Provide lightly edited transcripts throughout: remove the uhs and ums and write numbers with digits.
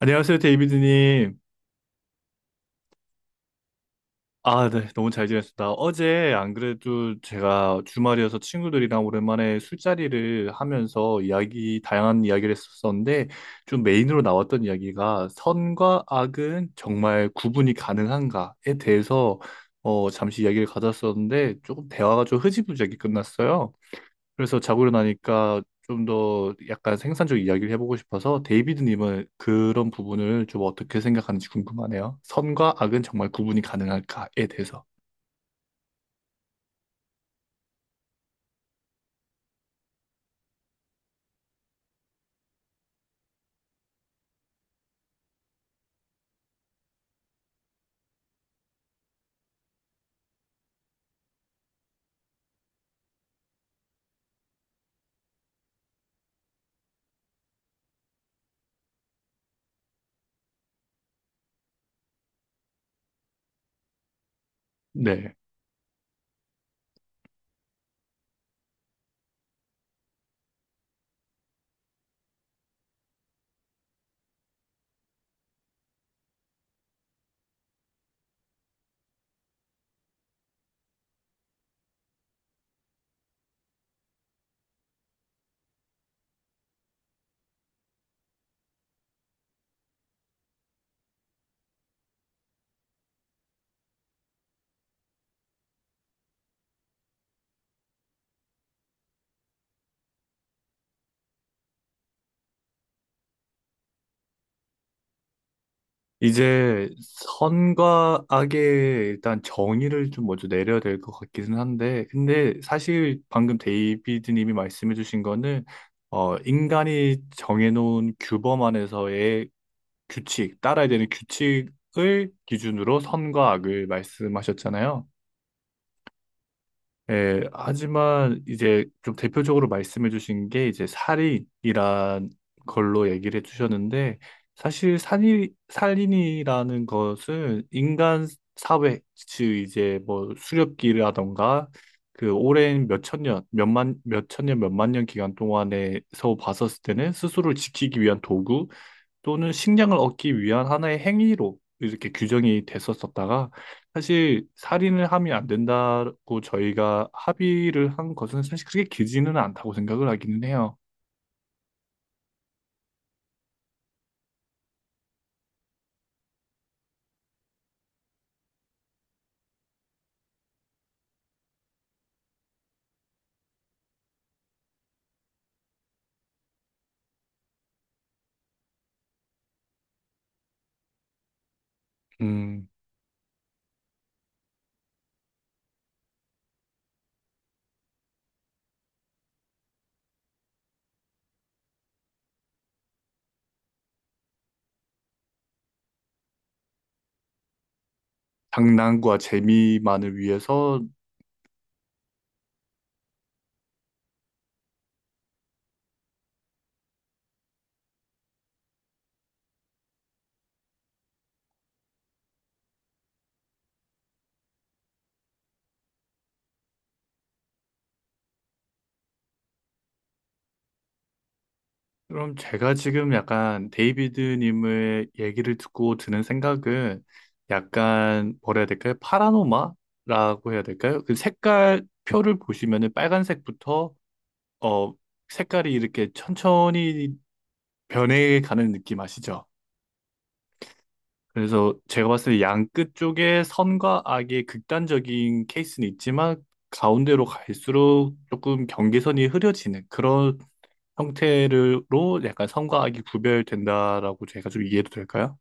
안녕하세요, 데이비드님. 아, 네, 너무 잘 지냈습니다. 어제 안 그래도 제가 주말이어서 친구들이랑 오랜만에 술자리를 하면서 다양한 이야기를 했었었는데, 좀 메인으로 나왔던 이야기가 선과 악은 정말 구분이 가능한가에 대해서 잠시 이야기를 가졌었는데, 조금 대화가 좀 흐지부지하게 끝났어요. 그래서 자고 일어나니까 좀 더 약간 생산적 이야기를 해보고 싶어서 데이비드님은 그런 부분을 좀 어떻게 생각하는지 궁금하네요. 선과 악은 정말 구분이 가능할까에 대해서. 네. 이제 선과 악의 일단 정의를 좀 먼저 내려야 될 것 같기는 한데, 근데 사실 방금 데이비드님이 말씀해주신 거는, 인간이 정해놓은 규범 안에서의 규칙, 따라야 되는 규칙을 기준으로 선과 악을 말씀하셨잖아요. 예, 하지만 이제 좀 대표적으로 말씀해 주신 게 이제 살인이란 걸로 얘기를 해 주셨는데 사실 살인이라는 것은 인간 사회, 즉 이제 뭐 수렵기라던가 그 오랜 몇천 년, 몇만 년 기간 동안에서 봤었을 때는 스스로를 지키기 위한 도구, 또는 식량을 얻기 위한 하나의 행위로 이렇게 규정이 됐었었다가 사실 살인을 하면 안 된다고 저희가 합의를 한 것은 사실 그렇게 길지는 않다고 생각을 하기는 해요. 음, 장난과 재미만을 위해서. 그럼 제가 지금 약간 데이비드님의 얘기를 듣고 드는 생각은 약간 뭐라 해야 될까요? 파라노마라고 해야 될까요? 그 색깔 표를 보시면은 빨간색부터 어 색깔이 이렇게 천천히 변해가는 느낌 아시죠? 그래서 제가 봤을 때 양끝 쪽에 선과 악의 극단적인 케이스는 있지만 가운데로 갈수록 조금 경계선이 흐려지는 그런 형태로 약간 선과 악이 구별된다라고 제가 좀 이해도 될까요?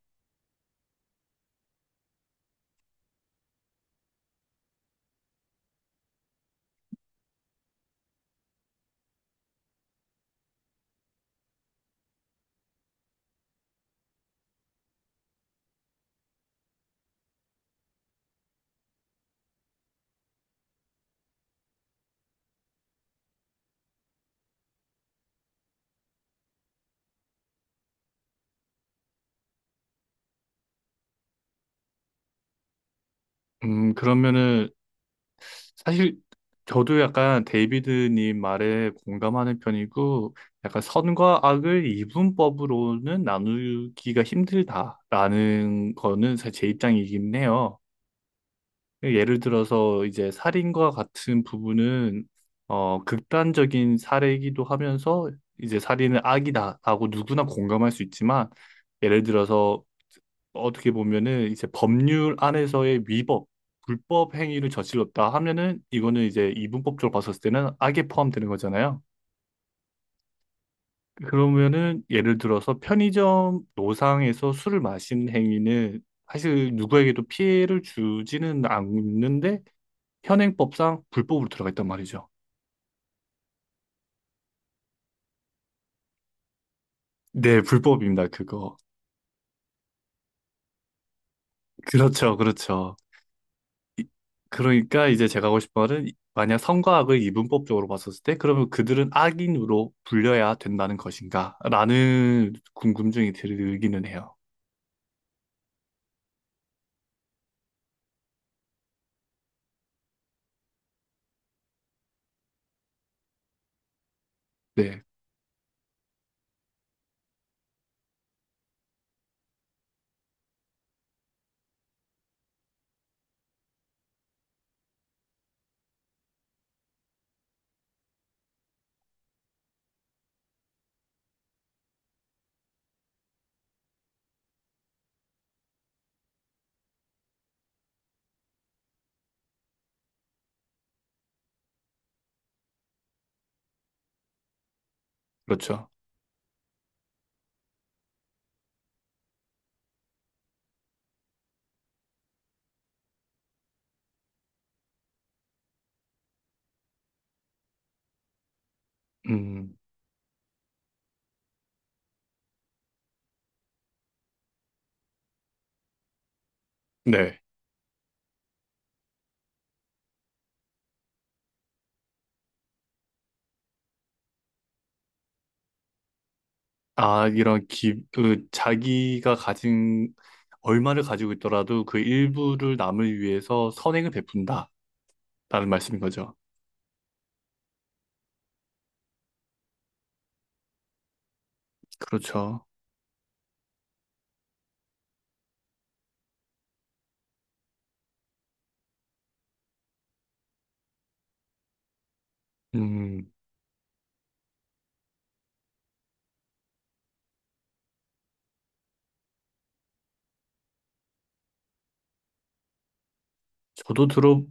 그러면은 사실 저도 약간 데이비드님 말에 공감하는 편이고 약간 선과 악을 이분법으로는 나누기가 힘들다라는 거는 사실 제 입장이긴 해요. 예를 들어서 이제 살인과 같은 부분은 극단적인 사례이기도 하면서 이제 살인은 악이다라고 누구나 공감할 수 있지만 예를 들어서 어떻게 보면은 이제 법률 안에서의 위법, 불법 행위를 저질렀다 하면은 이거는 이제 이분법적으로 봤었을 때는 악에 포함되는 거잖아요. 그러면은 예를 들어서 편의점 노상에서 술을 마시는 행위는 사실 누구에게도 피해를 주지는 않는데 현행법상 불법으로 들어가 있단 말이죠. 네, 불법입니다, 그거. 그렇죠, 그렇죠. 이- 그러니까 이제 제가 하고 싶은 말은 만약 선과 악을 이분법적으로 봤었을 때 그러면 그들은 악인으로 불려야 된다는 것인가? 라는 궁금증이 들기는 해요. 네, 그렇죠. 음, 네. 그 자기가 가진 얼마를 가지고 있더라도 그 일부를 남을 위해서 선행을 베푼다라는 말씀인 거죠. 그렇죠. 음. 저도 들어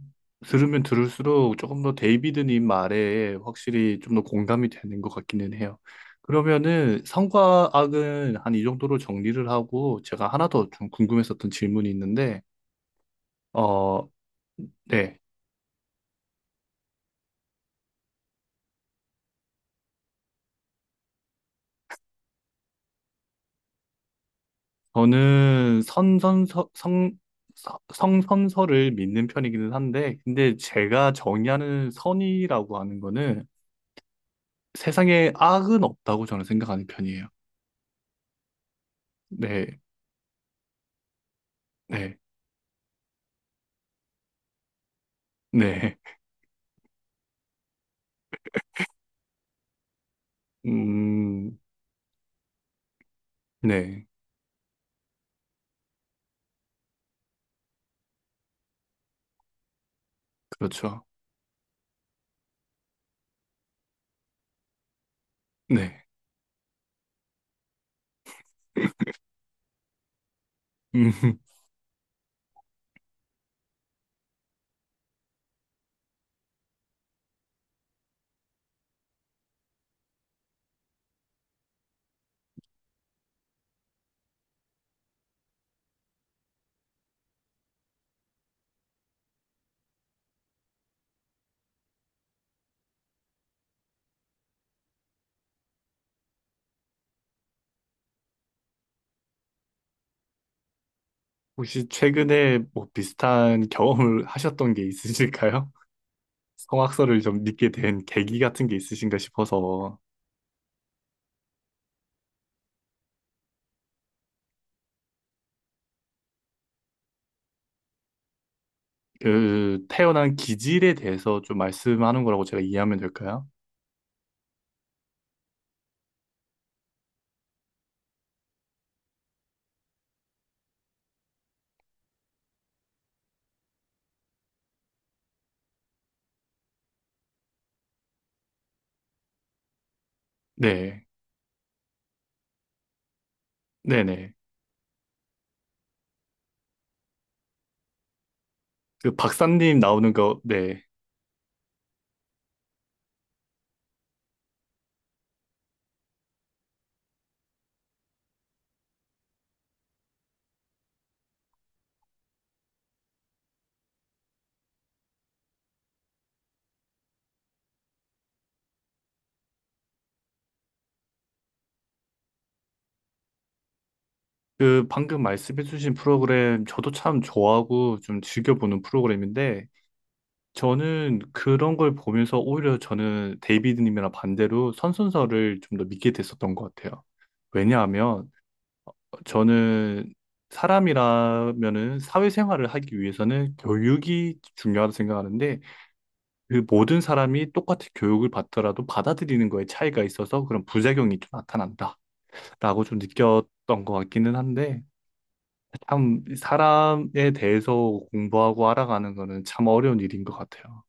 들으면 들을수록 조금 더 데이비드님 말에 확실히 좀 더 공감이 되는 것 같기는 해요. 그러면은 성과 악은 한 이 정도로 정리를 하고 제가 하나 더 좀 궁금했었던 질문이 있는데 어 네. 저는 선선서 성 서- 성선서를 믿는 편이기는 한데 근데 제가 정의하는 선이라고 하는 거는 세상에 악은 없다고 저는 생각하는 편이에요. 네. 네. 네. 음, 네, 그렇죠. 네. 음, 혹시 최근에 뭐 비슷한 경험을 하셨던 게 있으실까요? 성악설을 좀 믿게 된 계기 같은 게 있으신가 싶어서 그 태어난 기질에 대해서 좀 말씀하는 거라고 제가 이해하면 될까요? 네, 네네. 그 박사님 나오는 거, 네. 그 방금 말씀해주신 프로그램 저도 참 좋아하고 좀 즐겨보는 프로그램인데 저는 그런 걸 보면서 오히려 저는 데이비드님이랑 반대로 선순서를 좀 더 믿게 됐었던 것 같아요. 왜냐하면 저는 사람이라면은 사회생활을 하기 위해서는 교육이 중요하다고 생각하는데 그 모든 사람이 똑같이 교육을 받더라도 받아들이는 거에 차이가 있어서 그런 부작용이 좀 나타난다라고 좀 느꼈던 것 같기는 한데 참 사람에 대해서 공부하고 알아가는 거는 참 어려운 일인 것 같아요.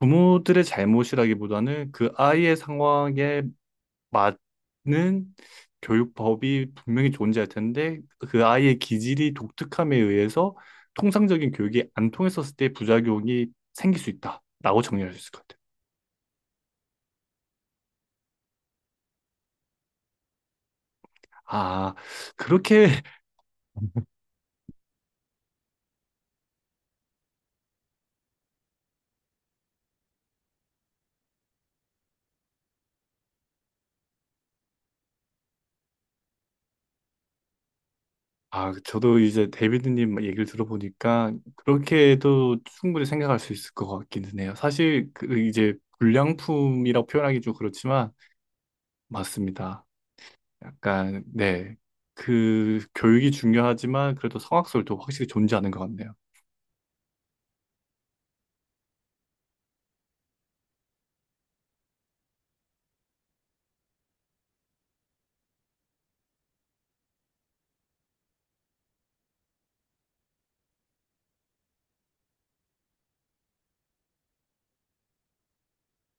부모들의 잘못이라기보다는 그 아이의 상황에 맞는 교육법이 분명히 존재할 텐데 그 아이의 기질이 독특함에 의해서 통상적인 교육이 안 통했었을 때 부작용이 생길 수 있다라고 정리할 수 있을 것 같아요. 아, 그렇게, 아, 저도 이제 데이비드님 얘기를 들어보니까 그렇게도 충분히 생각할 수 있을 것 같기는 해요. 사실 그 이제 불량품이라고 표현하기 좀 그렇지만 맞습니다. 약간 네. 그 교육이 중요하지만 그래도 성악설도 확실히 존재하는 것 같네요.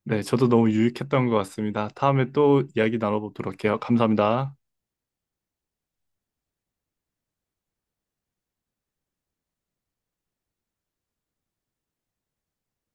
네, 저도 너무 유익했던 것 같습니다. 다음에 또 이야기 나눠보도록 해요. 감사합니다.